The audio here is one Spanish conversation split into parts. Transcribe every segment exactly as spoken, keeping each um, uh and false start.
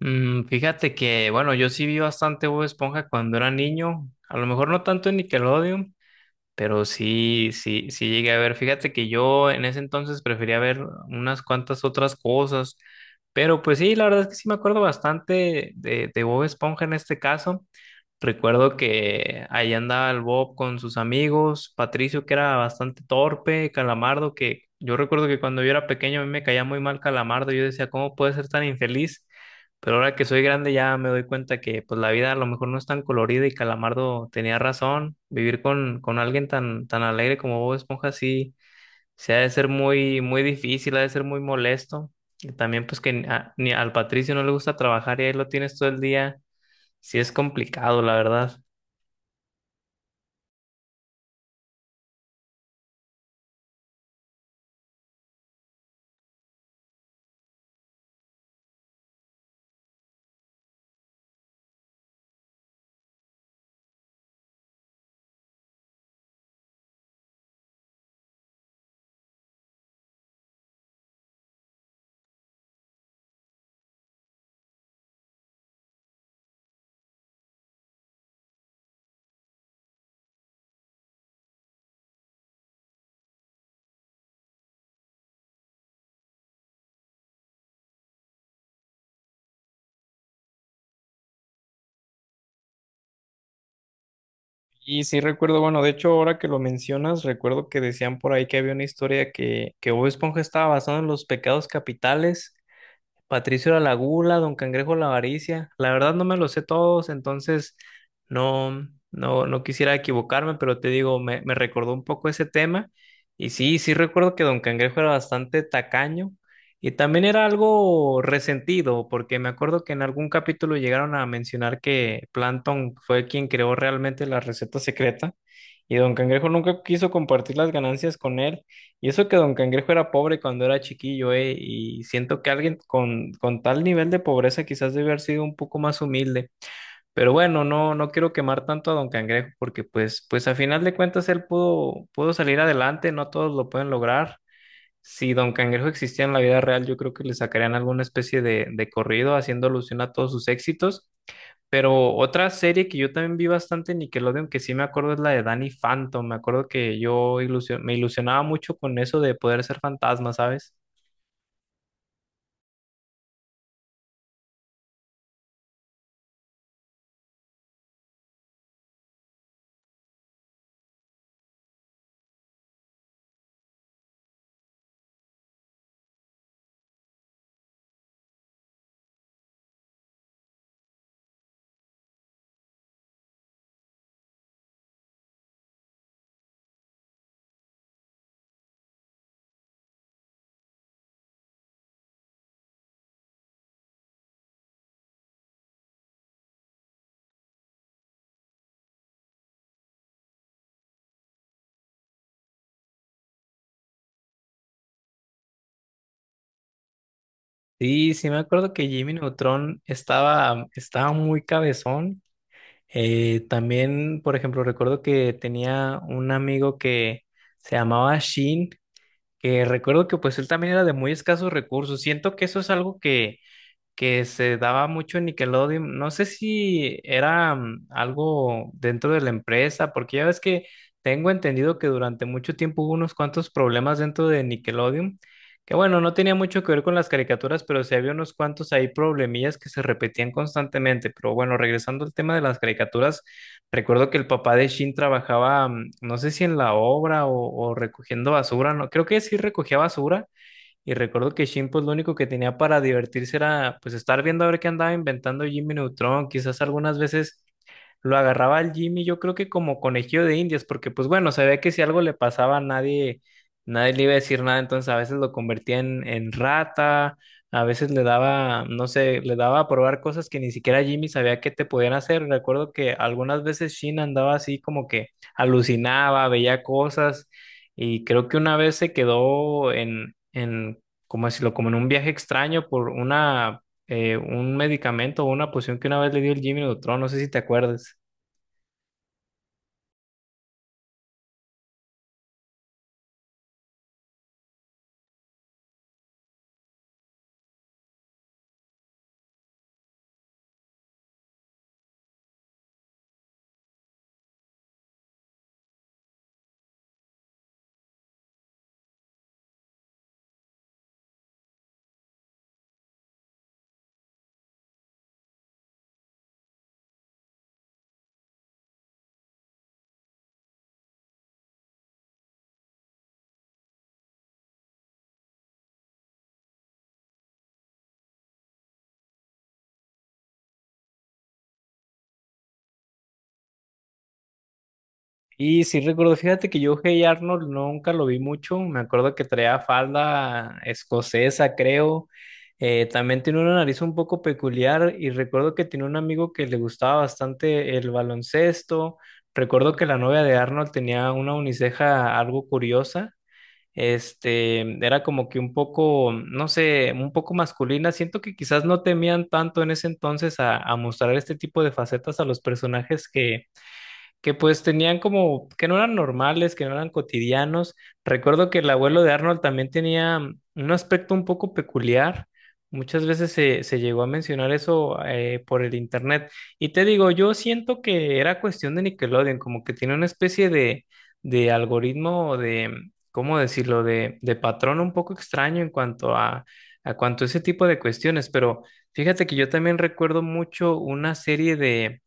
Mm, fíjate que, bueno, yo sí vi bastante Bob Esponja cuando era niño, a lo mejor no tanto en Nickelodeon, pero sí, sí, sí llegué a ver. Fíjate que yo en ese entonces prefería ver unas cuantas otras cosas, pero pues sí, la verdad es que sí me acuerdo bastante de, de Bob Esponja en este caso. Recuerdo que ahí andaba el Bob con sus amigos, Patricio, que era bastante torpe, Calamardo, que yo recuerdo que cuando yo era pequeño a mí me caía muy mal Calamardo, yo decía, ¿cómo puede ser tan infeliz? Pero ahora que soy grande ya me doy cuenta que pues la vida a lo mejor no es tan colorida y Calamardo tenía razón, vivir con, con alguien tan, tan alegre como Bob Esponja sí, se ha de ser muy, muy difícil, ha de ser muy molesto. Y también pues que ni a- ni al Patricio no le gusta trabajar y ahí lo tienes todo el día, sí es complicado, la verdad. Y sí recuerdo, bueno, de hecho ahora que lo mencionas, recuerdo que decían por ahí que había una historia que, que Bob Esponja estaba basado en los pecados capitales. Patricio era la gula, Don Cangrejo la avaricia. La verdad no me los sé todos, entonces no, no, no quisiera equivocarme, pero te digo, me, me recordó un poco ese tema. Y sí, sí recuerdo que Don Cangrejo era bastante tacaño y también era algo resentido, porque me acuerdo que en algún capítulo llegaron a mencionar que Plankton fue quien creó realmente la receta secreta y Don Cangrejo nunca quiso compartir las ganancias con él. Y eso que Don Cangrejo era pobre cuando era chiquillo, ¿eh? Y siento que alguien con, con tal nivel de pobreza quizás debe haber sido un poco más humilde. Pero bueno, no, no quiero quemar tanto a Don Cangrejo porque pues, pues a final de cuentas él pudo, pudo salir adelante, no todos lo pueden lograr. Si Don Cangrejo existía en la vida real, yo creo que le sacarían alguna especie de, de corrido haciendo alusión a todos sus éxitos. Pero otra serie que yo también vi bastante en Nickelodeon, que sí me acuerdo, es la de Danny Phantom. Me acuerdo que yo ilusio- me ilusionaba mucho con eso de poder ser fantasma, ¿sabes? Sí, sí me acuerdo que Jimmy Neutron estaba, estaba muy cabezón. Eh, también, por ejemplo, recuerdo que tenía un amigo que se llamaba Shin, que recuerdo que pues él también era de muy escasos recursos. Siento que eso es algo que que se daba mucho en Nickelodeon. No sé si era mm, algo dentro de la empresa, porque ya ves que tengo entendido que durante mucho tiempo hubo unos cuantos problemas dentro de Nickelodeon, que bueno, no tenía mucho que ver con las caricaturas, pero sí había unos cuantos ahí problemillas que se repetían constantemente. Pero bueno, regresando al tema de las caricaturas, recuerdo que el papá de Shin trabajaba, mm, no sé si en la obra o, o recogiendo basura, no, creo que sí recogía basura y recuerdo que Shin, pues lo único que tenía para divertirse era pues estar viendo a ver qué andaba inventando Jimmy Neutron, quizás algunas veces lo agarraba al Jimmy, yo creo que como conejillo de indias, porque pues bueno, sabía que si algo le pasaba nadie, nadie le iba a decir nada, entonces a veces lo convertía en, en rata, a veces le daba, no sé, le daba a probar cosas que ni siquiera Jimmy sabía que te podían hacer. Recuerdo que algunas veces Shin andaba así como que alucinaba, veía cosas, y creo que una vez se quedó en, en, como decirlo, como en un viaje extraño por una eh, un medicamento o una poción que una vez le dio el Jimmy Neutron, no sé si te acuerdas. Y sí recuerdo, fíjate que yo Hey Arnold nunca lo vi mucho, me acuerdo que traía falda escocesa, creo. Eh, también tiene una nariz un poco peculiar y recuerdo que tiene un amigo que le gustaba bastante el baloncesto. Recuerdo que la novia de Arnold tenía una uniceja algo curiosa. Este, era como que un poco, no sé, un poco masculina. Siento que quizás no temían tanto en ese entonces a, a mostrar este tipo de facetas a los personajes que, que pues tenían como, que no eran normales, que no eran cotidianos. Recuerdo que el abuelo de Arnold también tenía mm, un aspecto un poco peculiar. Muchas veces se, se llegó a mencionar eso eh, por el internet. Y te digo, yo siento que era cuestión de Nickelodeon, como que tiene una especie de, de algoritmo o de, mm, ¿cómo decirlo?, de, de patrón un poco extraño en cuanto a, a cuanto a ese tipo de cuestiones. Pero fíjate que yo también recuerdo mucho una serie de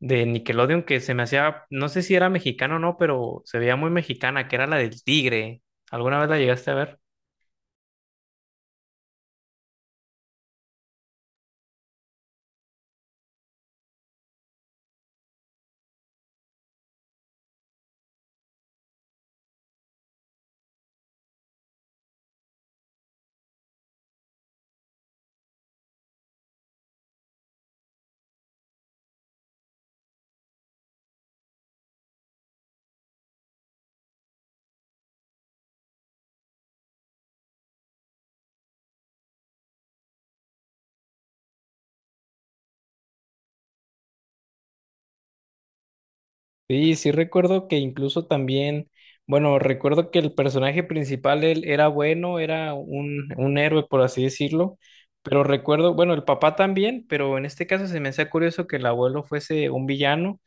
de Nickelodeon que se me hacía, no sé si era mexicano o no, pero se veía muy mexicana, que era la del tigre. ¿Alguna vez la llegaste a ver? Sí, sí recuerdo que incluso también, bueno, recuerdo que el personaje principal, él era bueno, era un, un héroe, por así decirlo, pero recuerdo, bueno, el papá también, pero en este caso se me hacía curioso que el abuelo fuese un villano,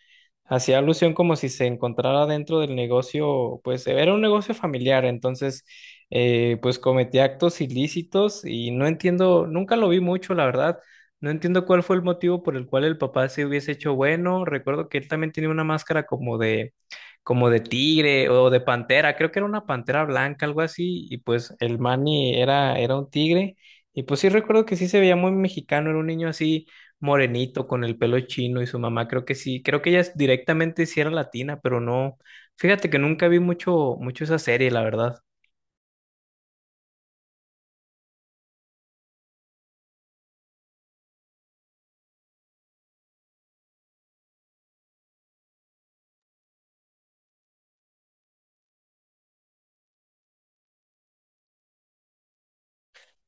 hacía alusión como si se encontrara dentro del negocio, pues era un negocio familiar, entonces, eh, pues cometía actos ilícitos y no entiendo, nunca lo vi mucho, la verdad. No entiendo cuál fue el motivo por el cual el papá se hubiese hecho bueno. Recuerdo que él también tenía una máscara como de, como de tigre o de pantera. Creo que era una pantera blanca, algo así. Y pues el Manny era, era un tigre. Y pues sí recuerdo que sí se veía muy mexicano. Era un niño así morenito, con el pelo chino y su mamá. Creo que sí. Creo que ella es- directamente sí era latina, pero no. Fíjate que nunca vi mucho, mucho esa serie, la verdad.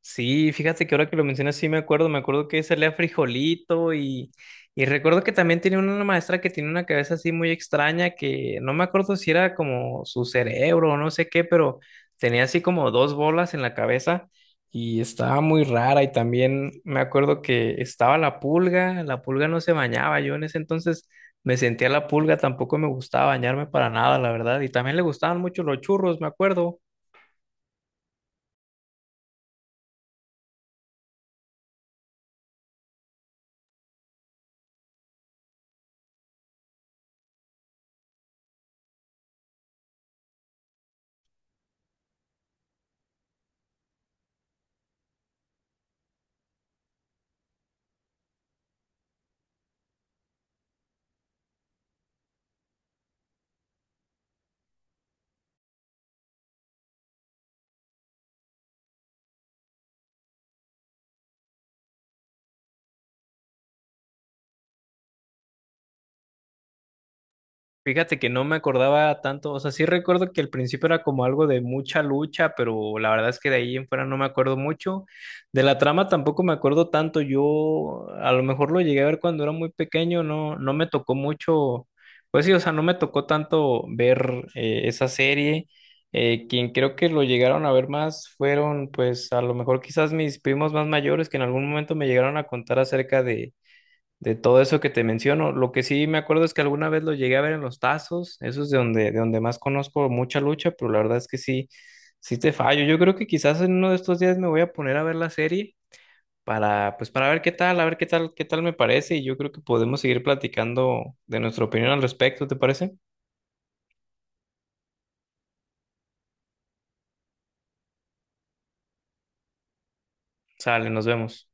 Sí, fíjate que ahora que lo mencionas, sí me acuerdo, me acuerdo que salía frijolito y, y recuerdo que también tenía una maestra que tiene una cabeza así muy extraña que no me acuerdo si era como su cerebro o no sé qué, pero tenía así como dos bolas en la cabeza y estaba muy rara y también me acuerdo que estaba la pulga, la pulga no se bañaba, yo en ese entonces me sentía la pulga, tampoco me gustaba bañarme para nada, la verdad, y también le gustaban mucho los churros, me acuerdo. Fíjate que no me acordaba tanto, o sea, sí recuerdo que al principio era como algo de mucha lucha, pero la verdad es que de ahí en fuera no me acuerdo mucho. De la trama tampoco me acuerdo tanto, yo a lo mejor lo llegué a ver cuando era muy pequeño, no, no me tocó mucho, pues sí, o sea, no me tocó tanto ver eh, esa serie. Eh, quien creo que lo llegaron a ver más fueron, pues a lo mejor quizás mis primos más mayores que en algún momento me llegaron a contar acerca de de todo eso que te menciono. Lo que sí me acuerdo es que alguna vez lo llegué a ver en los tazos, eso es de donde, de donde más conozco mucha lucha, pero la verdad es que sí, sí te fallo. Yo creo que quizás en uno de estos días me voy a poner a ver la serie para, pues para ver qué tal, a ver qué tal, qué tal me parece y yo creo que podemos seguir platicando de nuestra opinión al respecto, ¿te parece? Sale, nos vemos.